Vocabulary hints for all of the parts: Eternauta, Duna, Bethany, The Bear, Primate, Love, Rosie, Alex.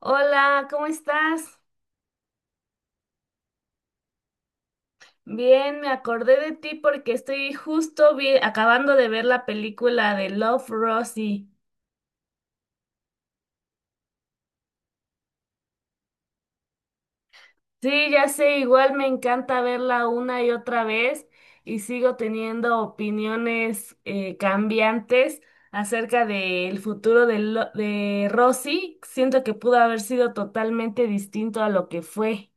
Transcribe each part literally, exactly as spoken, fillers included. Hola, ¿cómo estás? Bien, me acordé de ti porque estoy justo vi- acabando de ver la película de Love, Rosie. Sí, ya sé, igual me encanta verla una y otra vez y sigo teniendo opiniones eh, cambiantes acerca del futuro de, Lo- de Rosie. Siento que pudo haber sido totalmente distinto a lo que fue.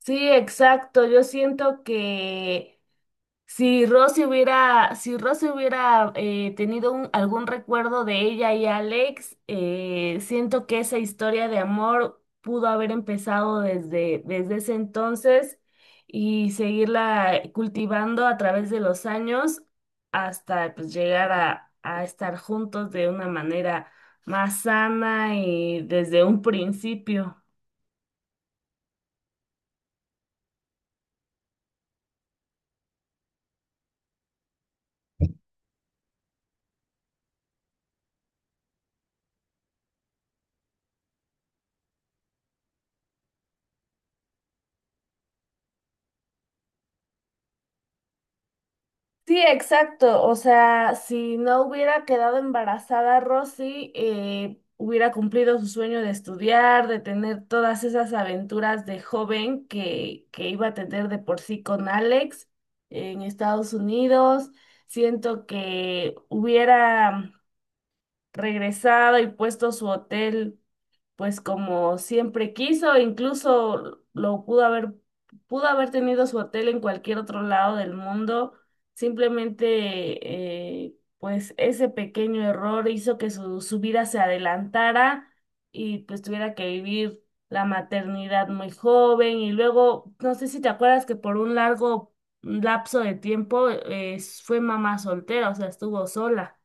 Sí, exacto. Yo siento que si Rosy hubiera, si Rosy hubiera eh, tenido un- algún recuerdo de ella y Alex. Eh, siento que esa historia de amor pudo haber empezado desde, desde ese entonces y seguirla cultivando a través de los años hasta pues, llegar a, a estar juntos de una manera más sana y desde un principio. Sí, exacto. O sea, si no hubiera quedado embarazada Rosy, eh, hubiera cumplido su sueño de estudiar, de tener todas esas aventuras de joven que, que iba a tener de por sí con Alex en Estados Unidos. Siento que hubiera regresado y puesto su hotel pues como siempre quiso, incluso lo pudo haber, pudo haber tenido su hotel en cualquier otro lado del mundo. Simplemente, eh, pues ese pequeño error hizo que su, su vida se adelantara y pues tuviera que vivir la maternidad muy joven. Y luego, no sé si te acuerdas que por un largo lapso de tiempo, eh, fue mamá soltera, o sea, estuvo sola.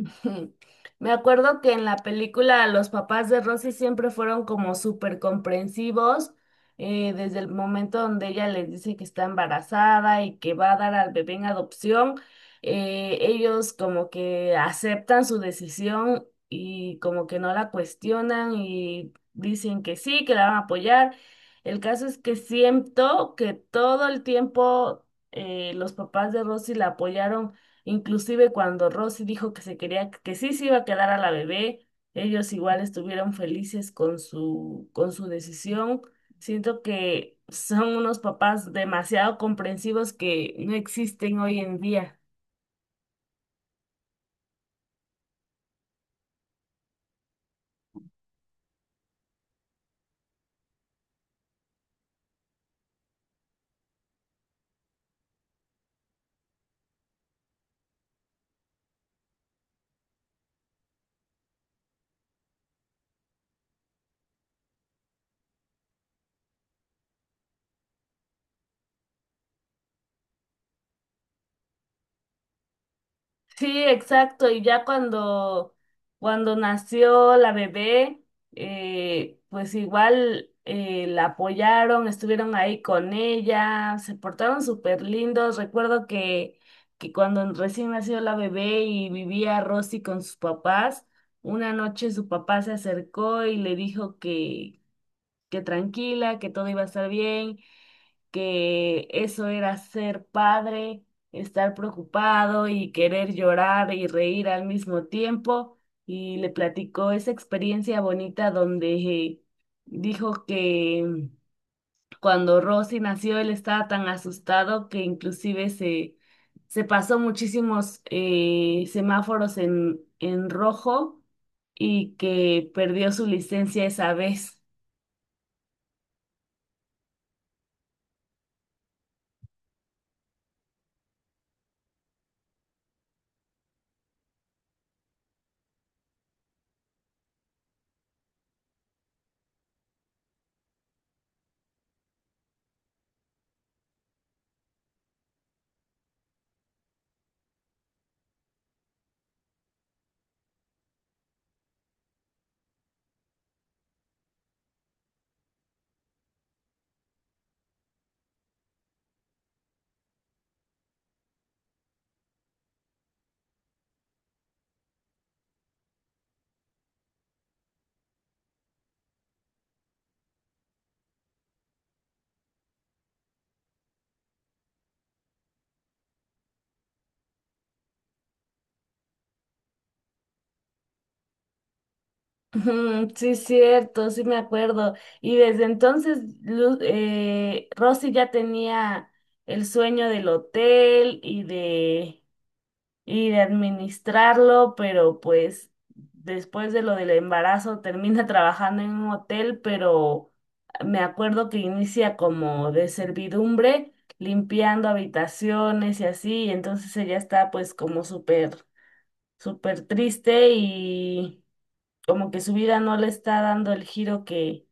Ujú. Me acuerdo que en la película los papás de Rosy siempre fueron como súper comprensivos, eh, desde el momento donde ella les dice que está embarazada y que va a dar al bebé en adopción. Eh, ellos como que aceptan su decisión y como que no la cuestionan y dicen que sí, que la van a apoyar. El caso es que siento que todo el tiempo, eh, los papás de Rosy la apoyaron. Inclusive cuando Rosy dijo que se quería, que sí se iba a quedar a la bebé, ellos igual estuvieron felices con su, con su decisión. Siento que son unos papás demasiado comprensivos que no existen hoy en día. Sí, exacto. Y ya cuando, cuando nació la bebé, eh, pues igual eh, la apoyaron, estuvieron ahí con ella, se portaron súper lindos. Recuerdo que, que cuando recién nació la bebé y vivía Rosy con sus papás, una noche su papá se acercó y le dijo que, que tranquila, que todo iba a estar bien, que eso era ser padre, estar preocupado y querer llorar y reír al mismo tiempo. Y le platicó esa experiencia bonita donde eh, dijo que cuando Rosy nació él estaba tan asustado que inclusive se, se pasó muchísimos eh, semáforos en, en rojo y que perdió su licencia esa vez. Ujú. Sí, cierto, sí me acuerdo. Y desde entonces Lu- eh, Rosy ya tenía el sueño del hotel y de, y de administrarlo, pero pues después de lo del embarazo termina trabajando en un hotel, pero me acuerdo que inicia como de servidumbre, limpiando habitaciones y así, y entonces ella está pues como súper, súper triste y como que su vida no le está dando el giro que,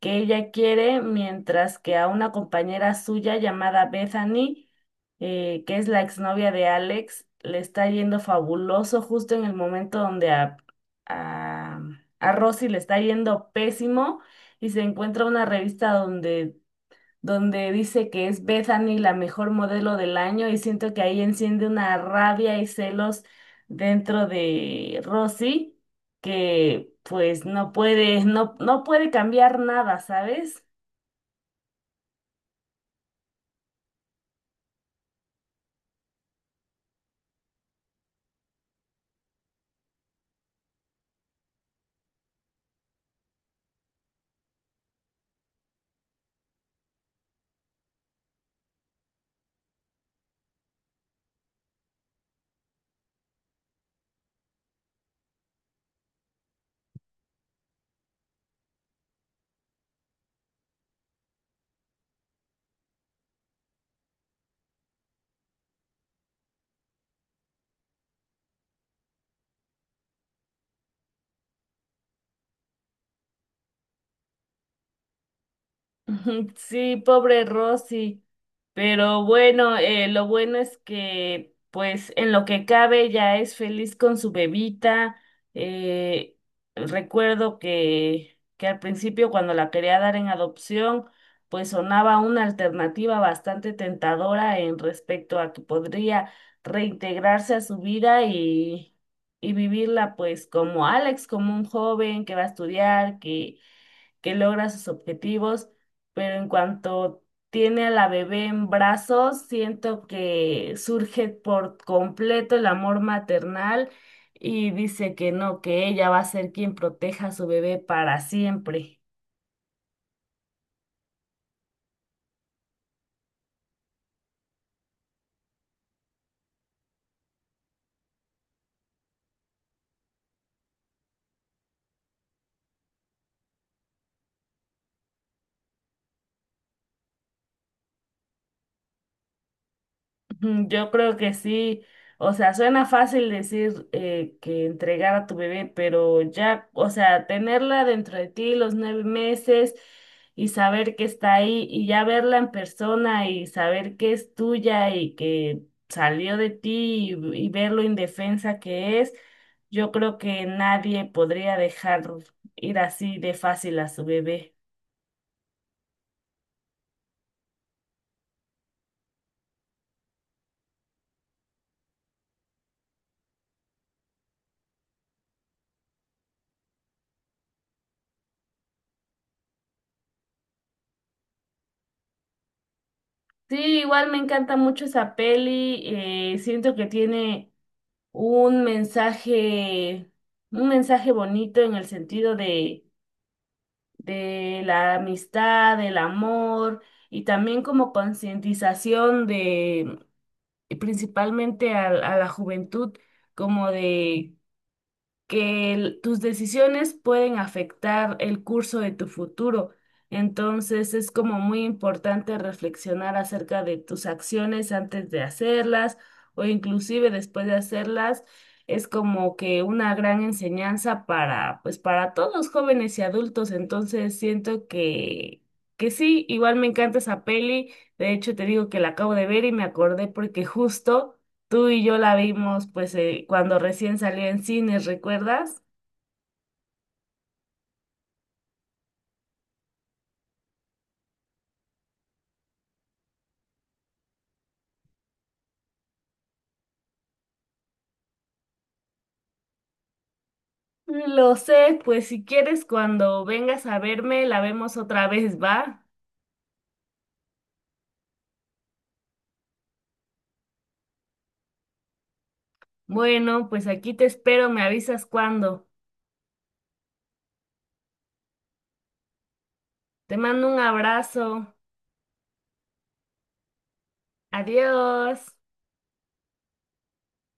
que ella quiere, mientras que a una compañera suya llamada Bethany, eh, que es la exnovia de Alex, le está yendo fabuloso justo en el momento donde a, a, a Rosy le está yendo pésimo y se encuentra una revista donde donde dice que es Bethany la mejor modelo del año, y siento que ahí enciende una rabia y celos dentro de Rosy que pues no puede, no, no puede cambiar nada, ¿sabes? Ujú. Sí, pobre Rosy. Pero bueno, eh, lo bueno es que, pues, en lo que cabe, ya es feliz con su bebita. Eh, Recuerdo que, que al principio, cuando la quería dar en adopción, pues sonaba una alternativa bastante tentadora en respecto a que podría reintegrarse a su vida y, y vivirla, pues, como Alex, como un joven que va a estudiar, que que logra sus objetivos, pero en cuanto tiene a la bebé en brazos, siento que surge por completo el amor maternal y dice que no, que ella va a ser quien proteja a su bebé para siempre. Mm. Yo creo que sí. O sea, suena fácil decir eh, que entregar a tu bebé, pero ya, o sea, tenerla dentro de ti los nueve meses y saber que está ahí y ya verla en persona y saber que es tuya y que salió de ti y, y ver lo indefensa que es, yo creo que nadie podría dejar ir así de fácil a su bebé. Sí, igual me encanta mucho esa peli, eh, siento que tiene un mensaje, un mensaje bonito en el sentido de, de la amistad, del amor y también como concientización de, y principalmente a, a la juventud, como de que el- tus decisiones pueden afectar el curso de tu futuro. Entonces es como muy importante reflexionar acerca de tus acciones antes de hacerlas o inclusive después de hacerlas. Es como que una gran enseñanza para, pues para todos jóvenes y adultos. Entonces siento que, que sí, igual me encanta esa peli. De hecho, te digo que la acabo de ver y me acordé porque justo tú y yo la vimos pues eh, cuando recién salió en cines, ¿recuerdas? Lo sé, pues si quieres cuando vengas a verme la vemos otra vez, ¿va? Bueno, pues aquí te espero, me avisas cuando. Te mando un abrazo. Adiós.